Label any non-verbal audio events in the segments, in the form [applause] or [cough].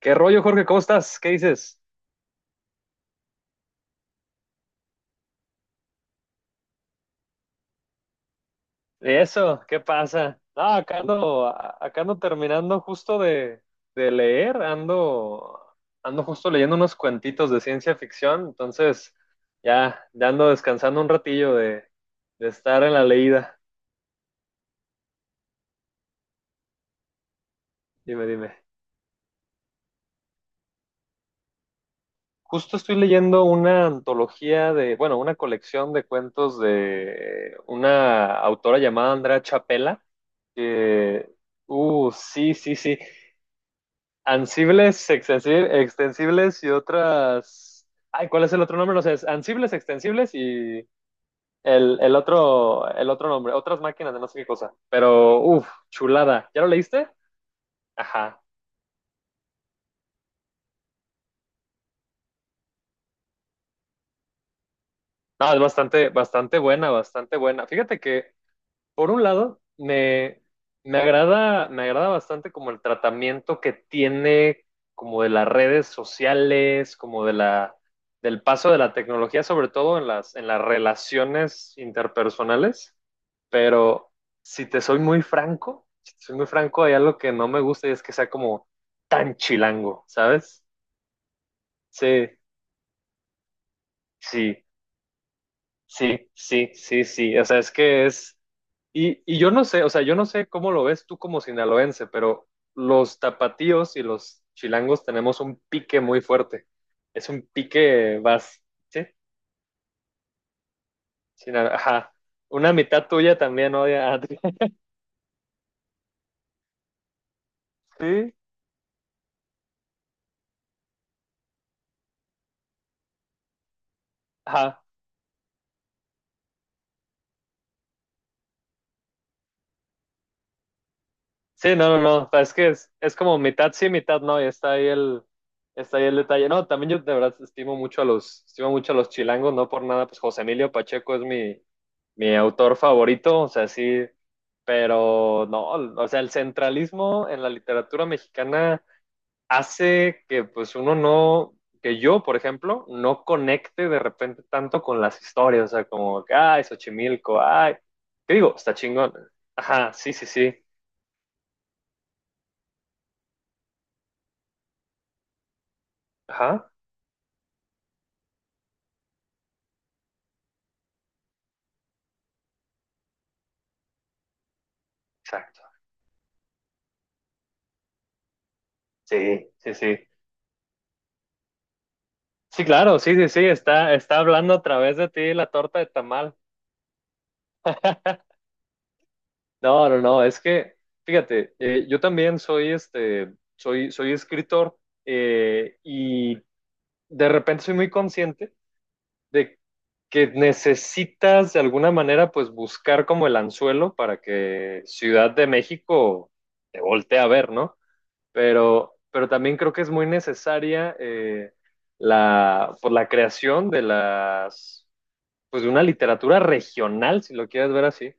¿Qué rollo, Jorge? ¿Cómo estás? ¿Qué dices? Eso, ¿qué pasa? No, acá ando, acá ando terminando justo de, leer, ando justo leyendo unos cuentitos de ciencia ficción, entonces ya ando descansando un ratillo de estar en la leída. Dime, dime. Justo estoy leyendo una antología bueno, una colección de cuentos de una autora llamada Andrea Chapela, que, sí, sí, sí. Ansibles, extensibles y otras. Ay, ¿cuál es el otro nombre? No sé, es ansibles, extensibles y el otro, el otro nombre, otras máquinas de no sé qué cosa. Pero, uff, chulada. ¿Ya lo leíste? Ajá. No, es bastante, bastante buena, bastante buena. Fíjate que por un lado, me agrada bastante como el tratamiento que tiene como de las redes sociales, como de del paso de la tecnología, sobre todo en las relaciones interpersonales. Pero si te soy muy franco, si te soy muy franco, hay algo que no me gusta y es que sea como tan chilango, ¿sabes? Sí, sí. Sí, sí, sí, sí. O sea, es que es. Y yo no sé, o sea, yo no sé cómo lo ves tú como sinaloense, pero los tapatíos y los chilangos tenemos un pique muy fuerte. Es un pique vas, ¿sí? Sina- ajá. Una mitad tuya también odia a ti. [laughs] Sí, ajá. Sí, no, no, no. O sea, es que es como mitad sí, mitad no, y está ahí el detalle. No, también yo de verdad estimo mucho a los chilangos, no por nada, pues José Emilio Pacheco es mi autor favorito, o sea, sí, pero no, o sea, el centralismo en la literatura mexicana hace que pues uno no, que yo, por ejemplo, no conecte de repente tanto con las historias, o sea, como, ay, Xochimilco, ay, ¿qué digo? Está chingón. Ajá, sí, sí, sí, ajá, exacto. Sí, sí, sí. Sí, claro, sí, sí, sí, está hablando a través de ti la torta de tamal. No, no, no, es que, fíjate, yo también soy, este, soy escritor y de repente soy muy consciente de que necesitas de alguna manera, pues, buscar como el anzuelo para que Ciudad de México te voltee a ver, ¿no? Pero también creo que es muy necesaria por la creación de las pues de una literatura regional, si lo quieres ver así.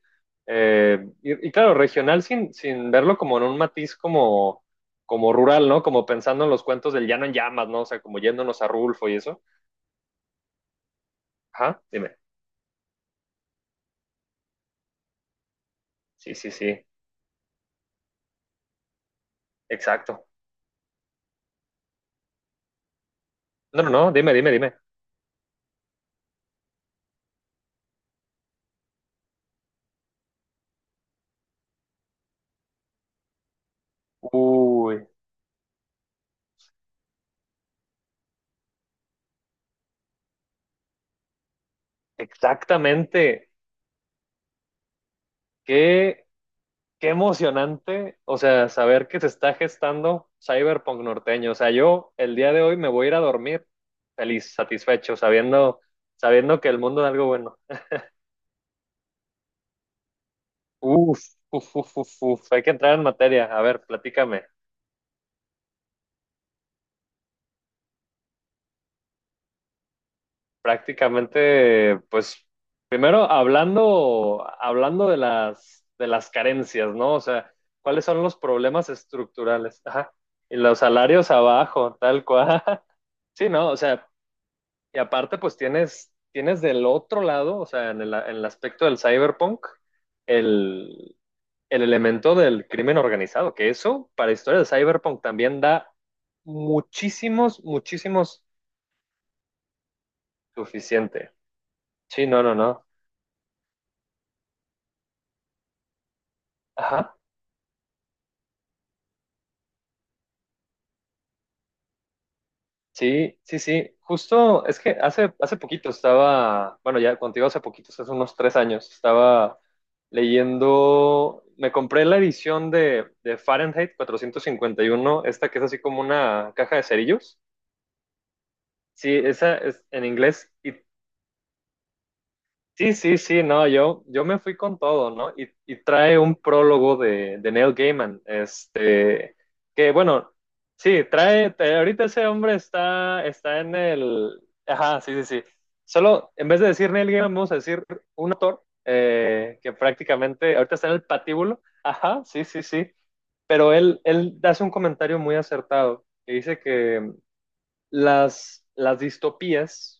Y, claro, regional sin verlo como en un matiz como rural, ¿no? Como pensando en los cuentos del llano en llamas, ¿no? O sea, como yéndonos a Rulfo y eso. Ajá, dime. Sí, sí, sí, exacto. No, no, no, dime, dime, dime. Uy, exactamente. ¿Qué Qué emocionante! O sea, saber que se está gestando Cyberpunk norteño. O sea, yo el día de hoy me voy a ir a dormir feliz, satisfecho, sabiendo, sabiendo que el mundo es algo bueno. Uf, uf, uf, uf, uf. Hay que entrar en materia. A ver, platícame. Prácticamente, pues, primero hablando de las carencias, ¿no? O sea, ¿cuáles son los problemas estructurales? Ajá. Y los salarios abajo, tal cual. [laughs] Sí, no, o sea, y aparte, pues tienes del otro lado, o sea, en el aspecto del cyberpunk, el, el elemento del crimen organizado, que eso para historia de cyberpunk también da muchísimos, muchísimos suficiente. Sí, no, no, no. Ajá. Sí, sí, sí. Justo, es que hace poquito estaba, bueno, ya contigo hace poquito, hace unos tres años, estaba leyendo, me compré la edición de, Fahrenheit 451, esta que es así como una caja de cerillos. Sí, esa es en inglés. Sí, sí, sí, no, yo me fui con todo, ¿no? Y trae un prólogo de Neil Gaiman, este, que bueno, sí, trae, ahorita ese hombre está en el, ajá, sí, sí, sí, solo en vez de decir Neil Gaiman, vamos a decir un autor que prácticamente ahorita está en el patíbulo, ajá, sí, sí, sí, pero él hace un comentario muy acertado, que dice que las distopías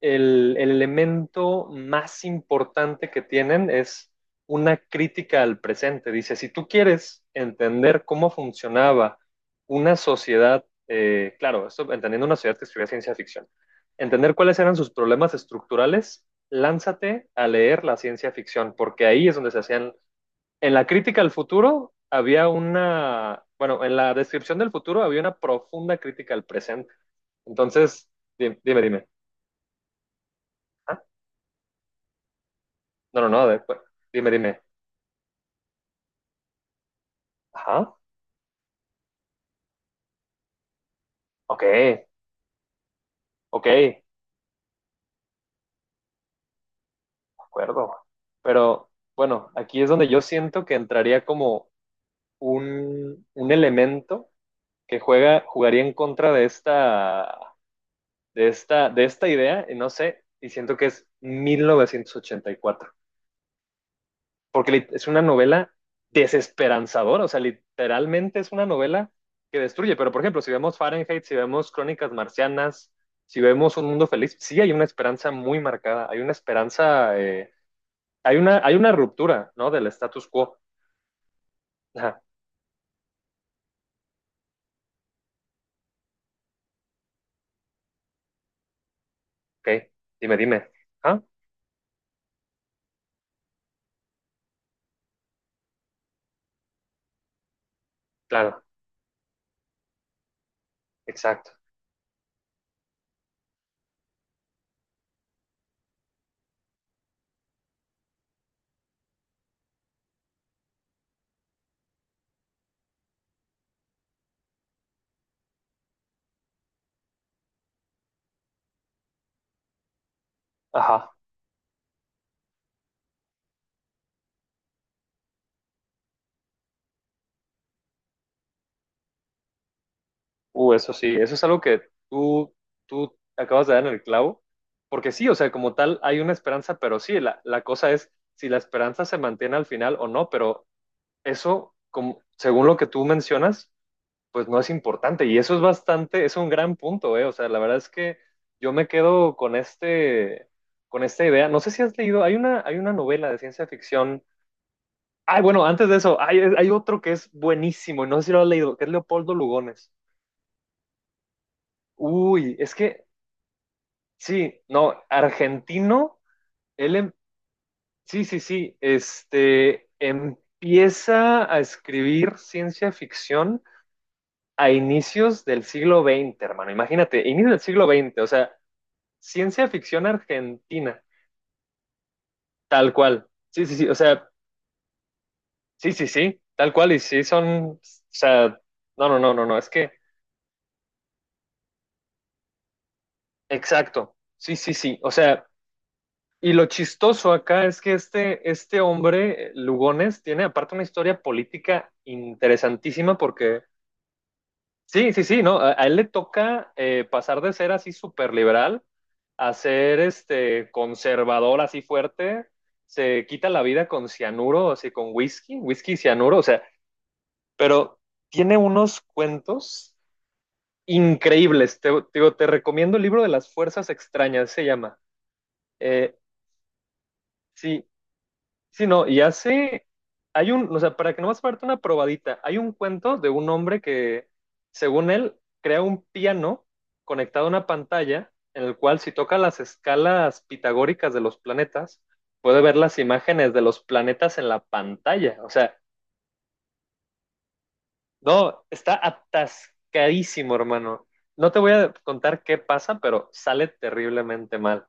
el elemento más importante que tienen es una crítica al presente. Dice, si tú quieres entender cómo funcionaba una sociedad, claro, esto, entendiendo una sociedad que estudia ciencia ficción, entender cuáles eran sus problemas estructurales, lánzate a leer la ciencia ficción, porque ahí es donde se hacían, en la crítica al futuro había una, bueno, en la descripción del futuro había una profunda crítica al presente. Entonces, dime, dime. No, no, no, después. Dime, dime. Ajá. Ok, ok, de acuerdo. Pero bueno, aquí es donde yo siento que entraría como un elemento que juega, jugaría en contra de esta, de esta idea, y no sé, y siento que es 1984. Porque es una novela desesperanzadora, o sea, literalmente es una novela que destruye, pero por ejemplo, si vemos Fahrenheit, si vemos Crónicas Marcianas, si vemos Un Mundo Feliz, sí hay una esperanza muy marcada, hay una esperanza, hay una ruptura, ¿no? Del status quo. Ajá, ok, dime, dime. Ah, claro, exacto. Ajá. Eso sí, eso es algo que tú, tú acabas de dar en el clavo, porque sí, o sea, como tal hay una esperanza, pero sí, la cosa es si la esperanza se mantiene al final o no, pero eso, como, según lo que tú mencionas, pues no es importante y eso es bastante, es un gran punto, o sea, la verdad es que yo, me quedo con este, con esta idea, no sé si has leído, hay una novela de ciencia ficción, ay, bueno, antes de eso, hay otro que es buenísimo y no sé si lo has leído, que es Leopoldo Lugones. Uy, es que sí, no, argentino, él, sí, sí, sí, este, empieza a escribir ciencia ficción a inicios del siglo XX, hermano, imagínate, inicios del siglo XX, o sea, ciencia ficción argentina, tal cual, sí, sí, sí, o sea, sí, sí, sí, tal cual, y sí son, o sea, no, no, no, no, no, es que, exacto, sí, sí, sí, o sea, y lo chistoso acá es que este hombre, Lugones, tiene aparte una historia política interesantísima porque, sí, sí, sí, ¿no? A él le toca pasar de ser así súper liberal a ser este conservador así fuerte. Se quita la vida con cianuro, así con whisky, whisky y cianuro, o sea, pero tiene unos cuentos increíbles. Digo, te recomiendo el libro de las fuerzas extrañas, se llama. Eh, sí, sí, no, y hay un, o sea, para que nomás parte una probadita, hay un cuento de un hombre que, según él, crea un piano conectado a una pantalla en el cual si toca las escalas pitagóricas de los planetas, puede ver las imágenes de los planetas en la pantalla. O sea, no, está atascadísimo, hermano. No te voy a contar qué pasa, pero sale terriblemente mal.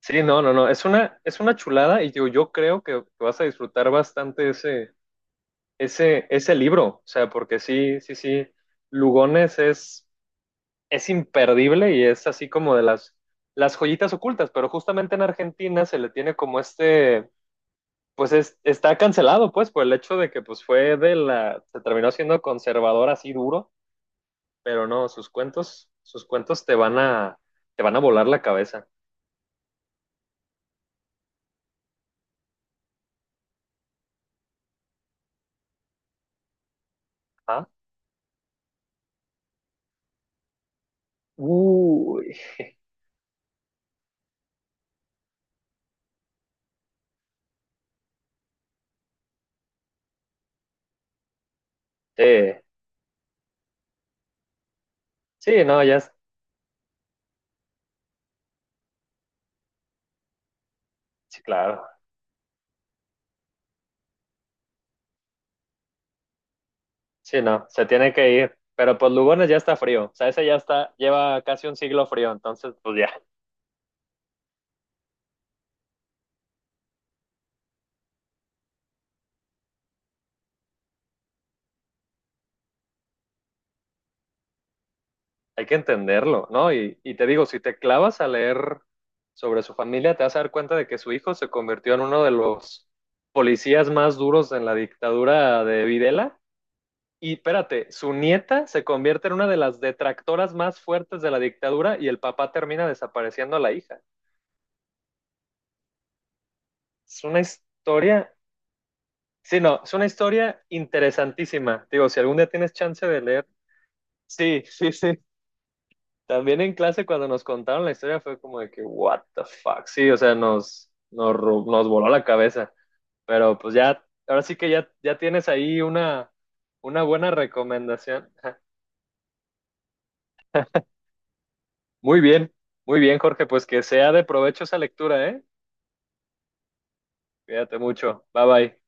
Sí, no, no, no, es una chulada y yo creo que vas a disfrutar bastante ese ese libro, o sea, porque sí, sí, sí, Lugones es imperdible y es así como de las joyitas ocultas, pero justamente en Argentina se le tiene como este, pues está cancelado, pues, por el hecho de que pues fue de la, se terminó siendo conservador así duro, pero no, sus cuentos te van a volar la cabeza. ¿Ah? Uy. [laughs] Eh, sí, no, ya, sí, claro. Sí, no, se tiene que ir. Pero pues Lugones ya está frío. O sea, ese ya está, lleva casi un siglo frío. Entonces, pues ya, hay que entenderlo, ¿no? Y te digo, si te clavas a leer sobre su familia, te vas a dar cuenta de que su hijo se convirtió en uno de los policías más duros en la dictadura de Videla. Y espérate, su nieta se convierte en una de las detractoras más fuertes de la dictadura y el papá termina desapareciendo a la hija. Es una historia. Sí, no, es una historia interesantísima. Digo, si algún día tienes chance de leer. Sí, sí, sí. También en clase cuando nos contaron la historia fue como de que, what the fuck. Sí, o sea, nos voló la cabeza. Pero pues ya, ahora sí que ya, ya tienes ahí una buena recomendación. Muy bien, muy bien, Jorge. Pues que sea de provecho esa lectura, ¿eh? Cuídate mucho. Bye bye.